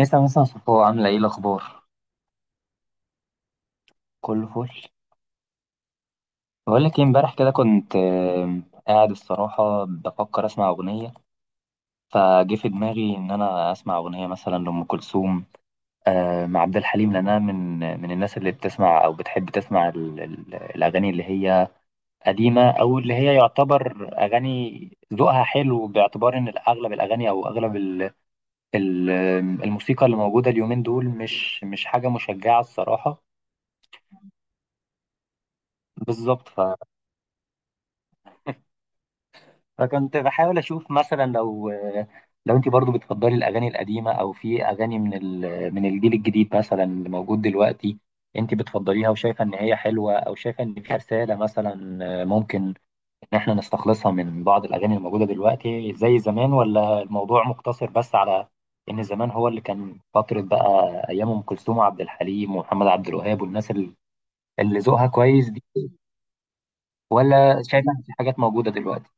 مسا مسا صفو، عاملة ايه الأخبار؟ كله فل. بقول لك ايه، امبارح كده كنت قاعد، الصراحة بفكر أسمع أغنية. فجه في دماغي إن أنا أسمع أغنية مثلا لأم كلثوم، مع عبد الحليم. لأن أنا من الناس اللي بتسمع أو بتحب تسمع الأغاني اللي هي قديمة، أو اللي هي يعتبر أغاني ذوقها حلو، باعتبار إن أغلب الأغاني أو أغلب ال- الموسيقى اللي موجودة اليومين دول مش حاجة مشجعة الصراحة. بالظبط. فكنت بحاول اشوف مثلا، لو انت برضو بتفضلي الاغاني القديمه، او في اغاني من الجيل الجديد مثلا اللي موجود دلوقتي، انت بتفضليها وشايفه ان هي حلوه، او شايفه ان فيها رساله مثلا، ممكن ان احنا نستخلصها من بعض الاغاني اللي موجوده دلوقتي زي زمان؟ ولا الموضوع مقتصر بس على ان زمان هو اللي كان فتره بقى، ايام ام كلثوم وعبد الحليم ومحمد عبد الوهاب والناس اللي ذوقها كويس دي، ولا شايفه ان في حاجات موجوده دلوقتي؟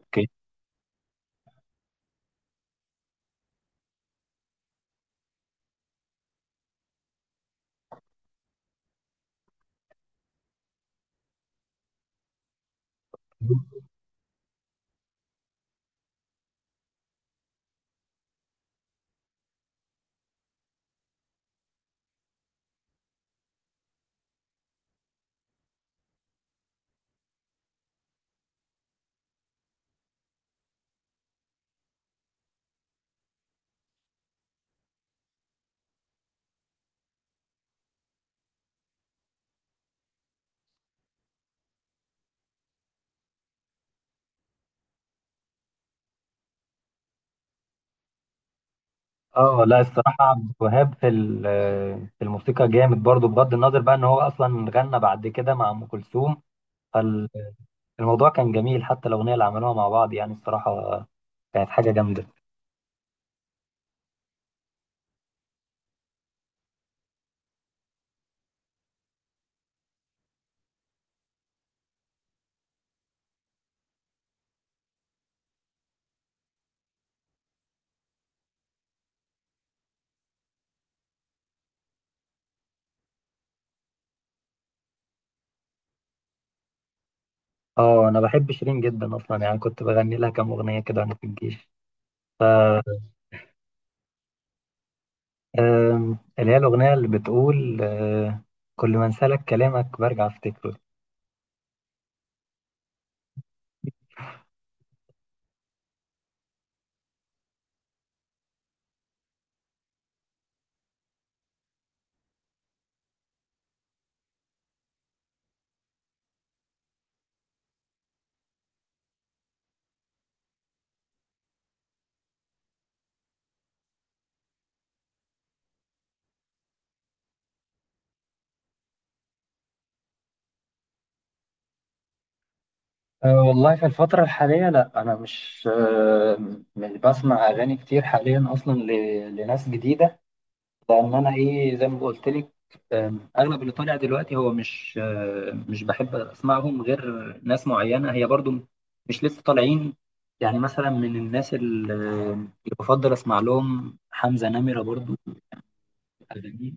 أوكي. اه، لا الصراحة عبد الوهاب في الموسيقى جامد برضو، بغض النظر بقى ان هو اصلا غنى بعد كده مع ام كلثوم. فالموضوع كان جميل، حتى الاغنية اللي عملوها مع بعض يعني الصراحة كانت حاجة جامدة. اه، انا بحب شيرين جدا اصلا، يعني كنت بغني لها كام اغنية كده وانا في الجيش. اللي هي الاغنية اللي بتقول، كل ما انسالك كلامك برجع افتكره. أه، والله في الفترة الحالية، لا أنا مش بسمع أغاني كتير حاليا أصلا لناس جديدة، لان انا ايه زي ما قلت لك. اغلب اللي طالع دلوقتي هو مش بحب اسمعهم، غير ناس معينه هي برضو مش لسه طالعين. يعني مثلا من الناس اللي بفضل اسمع لهم حمزه نمره برضو. اغانيه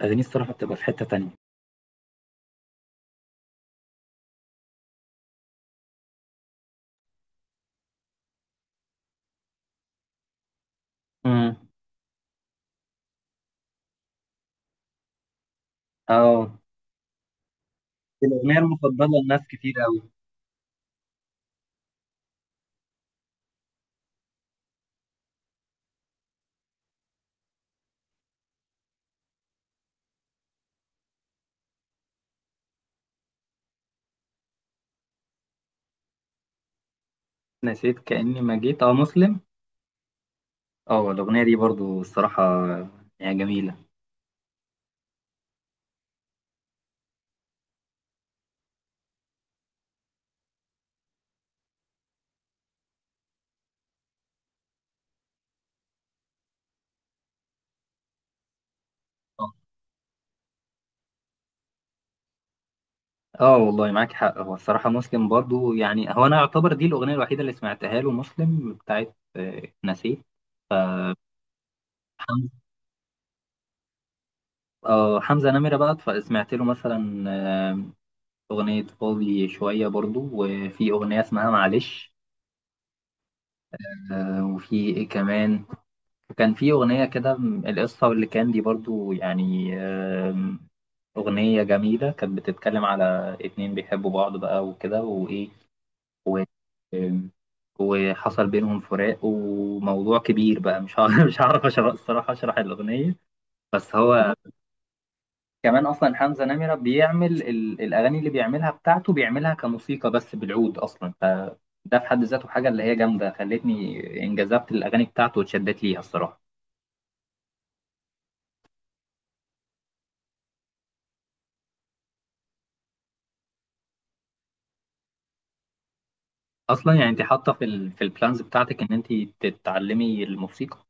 اغانيه الصراحه بتبقى في حته تانية. امم. اه، الاغنيه المفضله لناس كتير قوي. نسيت كاني ما جيت. اه، مسلم. اه، الاغنيه دي برضو الصراحه يعني جميله. اه، والله معاك حق. هو الصراحة مسلم برضو، يعني هو أنا يعتبر دي الأغنية الوحيدة اللي سمعتها له مسلم، بتاعت نسيت. حمزة. آه، حمزة نمرة بقى، فسمعت له مثلا آه، أغنية فاضي شوية، برضو وفي أغنية اسمها معلش. وفي إيه كمان، كان في أغنية كده القصة، واللي كان دي برضو يعني، أغنية جميلة كانت بتتكلم على اتنين بيحبوا بعض بقى وكده وإيه و... وحصل بينهم فراق وموضوع كبير بقى. مش هعرف مش هعرف أشرح الصراحة، أشرح الأغنية. بس هو كمان أصلا حمزة نمرة بيعمل الأغاني اللي بيعملها، بتاعته بيعملها كموسيقى بس بالعود أصلا، فده في حد ذاته حاجة اللي هي جامدة خلتني انجذبت الأغاني بتاعته واتشدت ليها الصراحة. أصلا يعني أنت حاطة في البلانز بتاعتك إن أنت تتعلمي الموسيقى.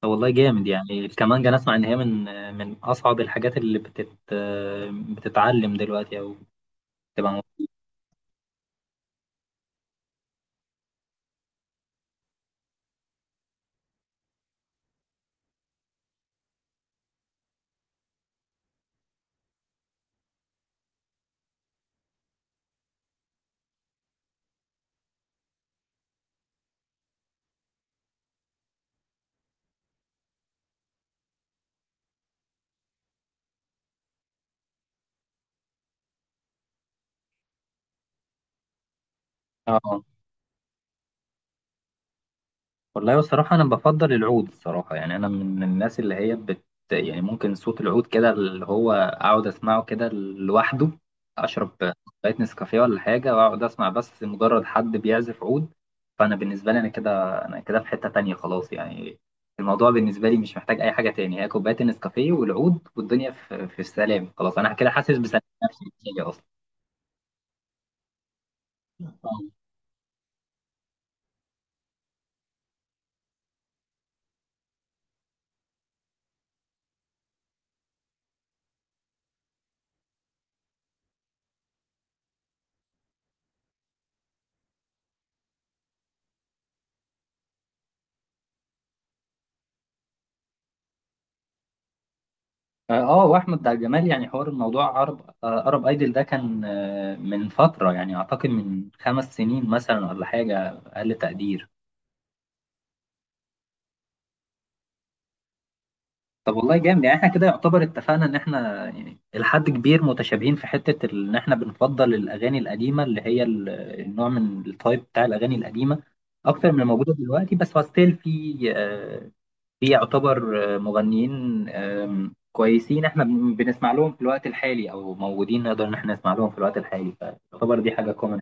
طب والله جامد، يعني الكمانجة أنا أسمع إن هي من أصعب الحاجات اللي بتتعلم دلوقتي أو تبقى. اه، والله الصراحة أنا بفضل العود الصراحة، يعني أنا من الناس اللي هي يعني ممكن صوت العود كده، اللي هو أقعد أسمعه كده لوحده، أشرب كوباية نسكافيه ولا حاجة وأقعد أسمع، بس مجرد حد بيعزف عود. فأنا بالنسبة لي أنا كده في حتة تانية خلاص يعني. الموضوع بالنسبة لي مش محتاج أي حاجة تاني، هي كوباية النسكافيه والعود والدنيا في السلام، خلاص أنا كده حاسس بسلام نفسي أصلا. اه، واحمد بتاع الجمال يعني، حوار الموضوع عرب ايدل ده كان، من فتره يعني، اعتقد من 5 سنين مثلا ولا حاجه اقل تقدير. طب والله جامد، يعني احنا كده يعتبر اتفقنا ان احنا يعني لحد كبير متشابهين في حته ان احنا بنفضل الاغاني القديمه، اللي هي النوع من التايب بتاع الاغاني القديمه، اكتر من الموجوده دلوقتي، بس هو ستيل في يعتبر مغنيين كويسين، احنا بنسمع لهم في الوقت الحالي، او موجودين نقدر ان احنا نسمع لهم في الوقت الحالي، فيعتبر دي حاجة كومن.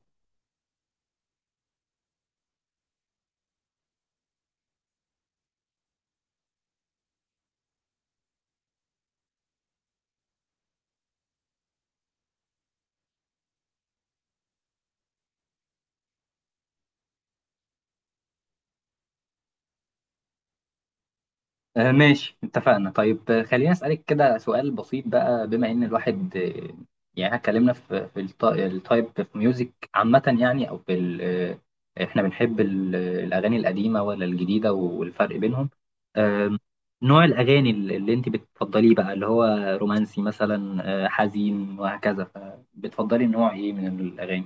ماشي اتفقنا. طيب خليني أسألك كده سؤال بسيط، بقى بما إن الواحد، يعني إحنا اتكلمنا في التايب في ميوزك عامة يعني، أو في ال- آه، إحنا بنحب الأغاني القديمة ولا الجديدة والفرق بينهم، آم، نوع الأغاني اللي أنت بتفضليه بقى، اللي هو رومانسي مثلا، حزين وهكذا، فبتفضلي نوع إيه من الأغاني؟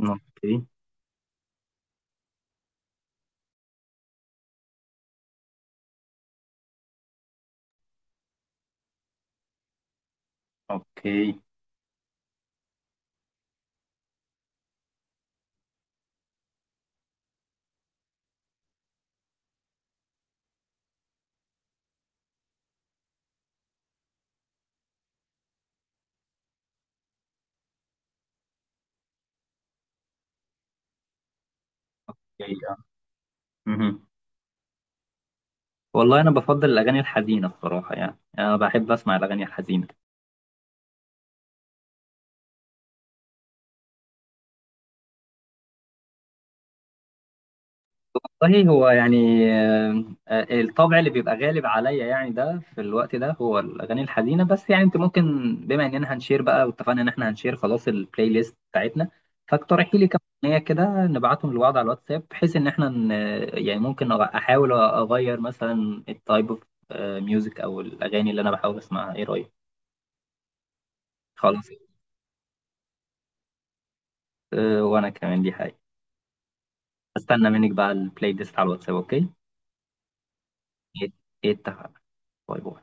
أوكي، أوكي، أوكي، آه. مهم. والله انا بفضل الاغاني الحزينه الصراحه، يعني انا بحب اسمع الاغاني الحزينه. صحيح هو يعني، الطبع اللي بيبقى غالب عليا يعني، ده في الوقت ده هو الاغاني الحزينه، بس يعني انت ممكن، بما اننا هنشير بقى واتفقنا ان احنا هنشير خلاص البلاي ليست بتاعتنا، فاقترحي لي كام اغنيه كده نبعتهم لبعض على الواتساب، بحيث ان احنا يعني ممكن احاول اغير مثلا التايب اوف ميوزك، او الاغاني اللي انا بحاول اسمعها، ايه رايك؟ خلاص، وانا كمان دي حاجه استنى منك بقى البلاي ليست على الواتساب، اوكي. اتفق. باي باي.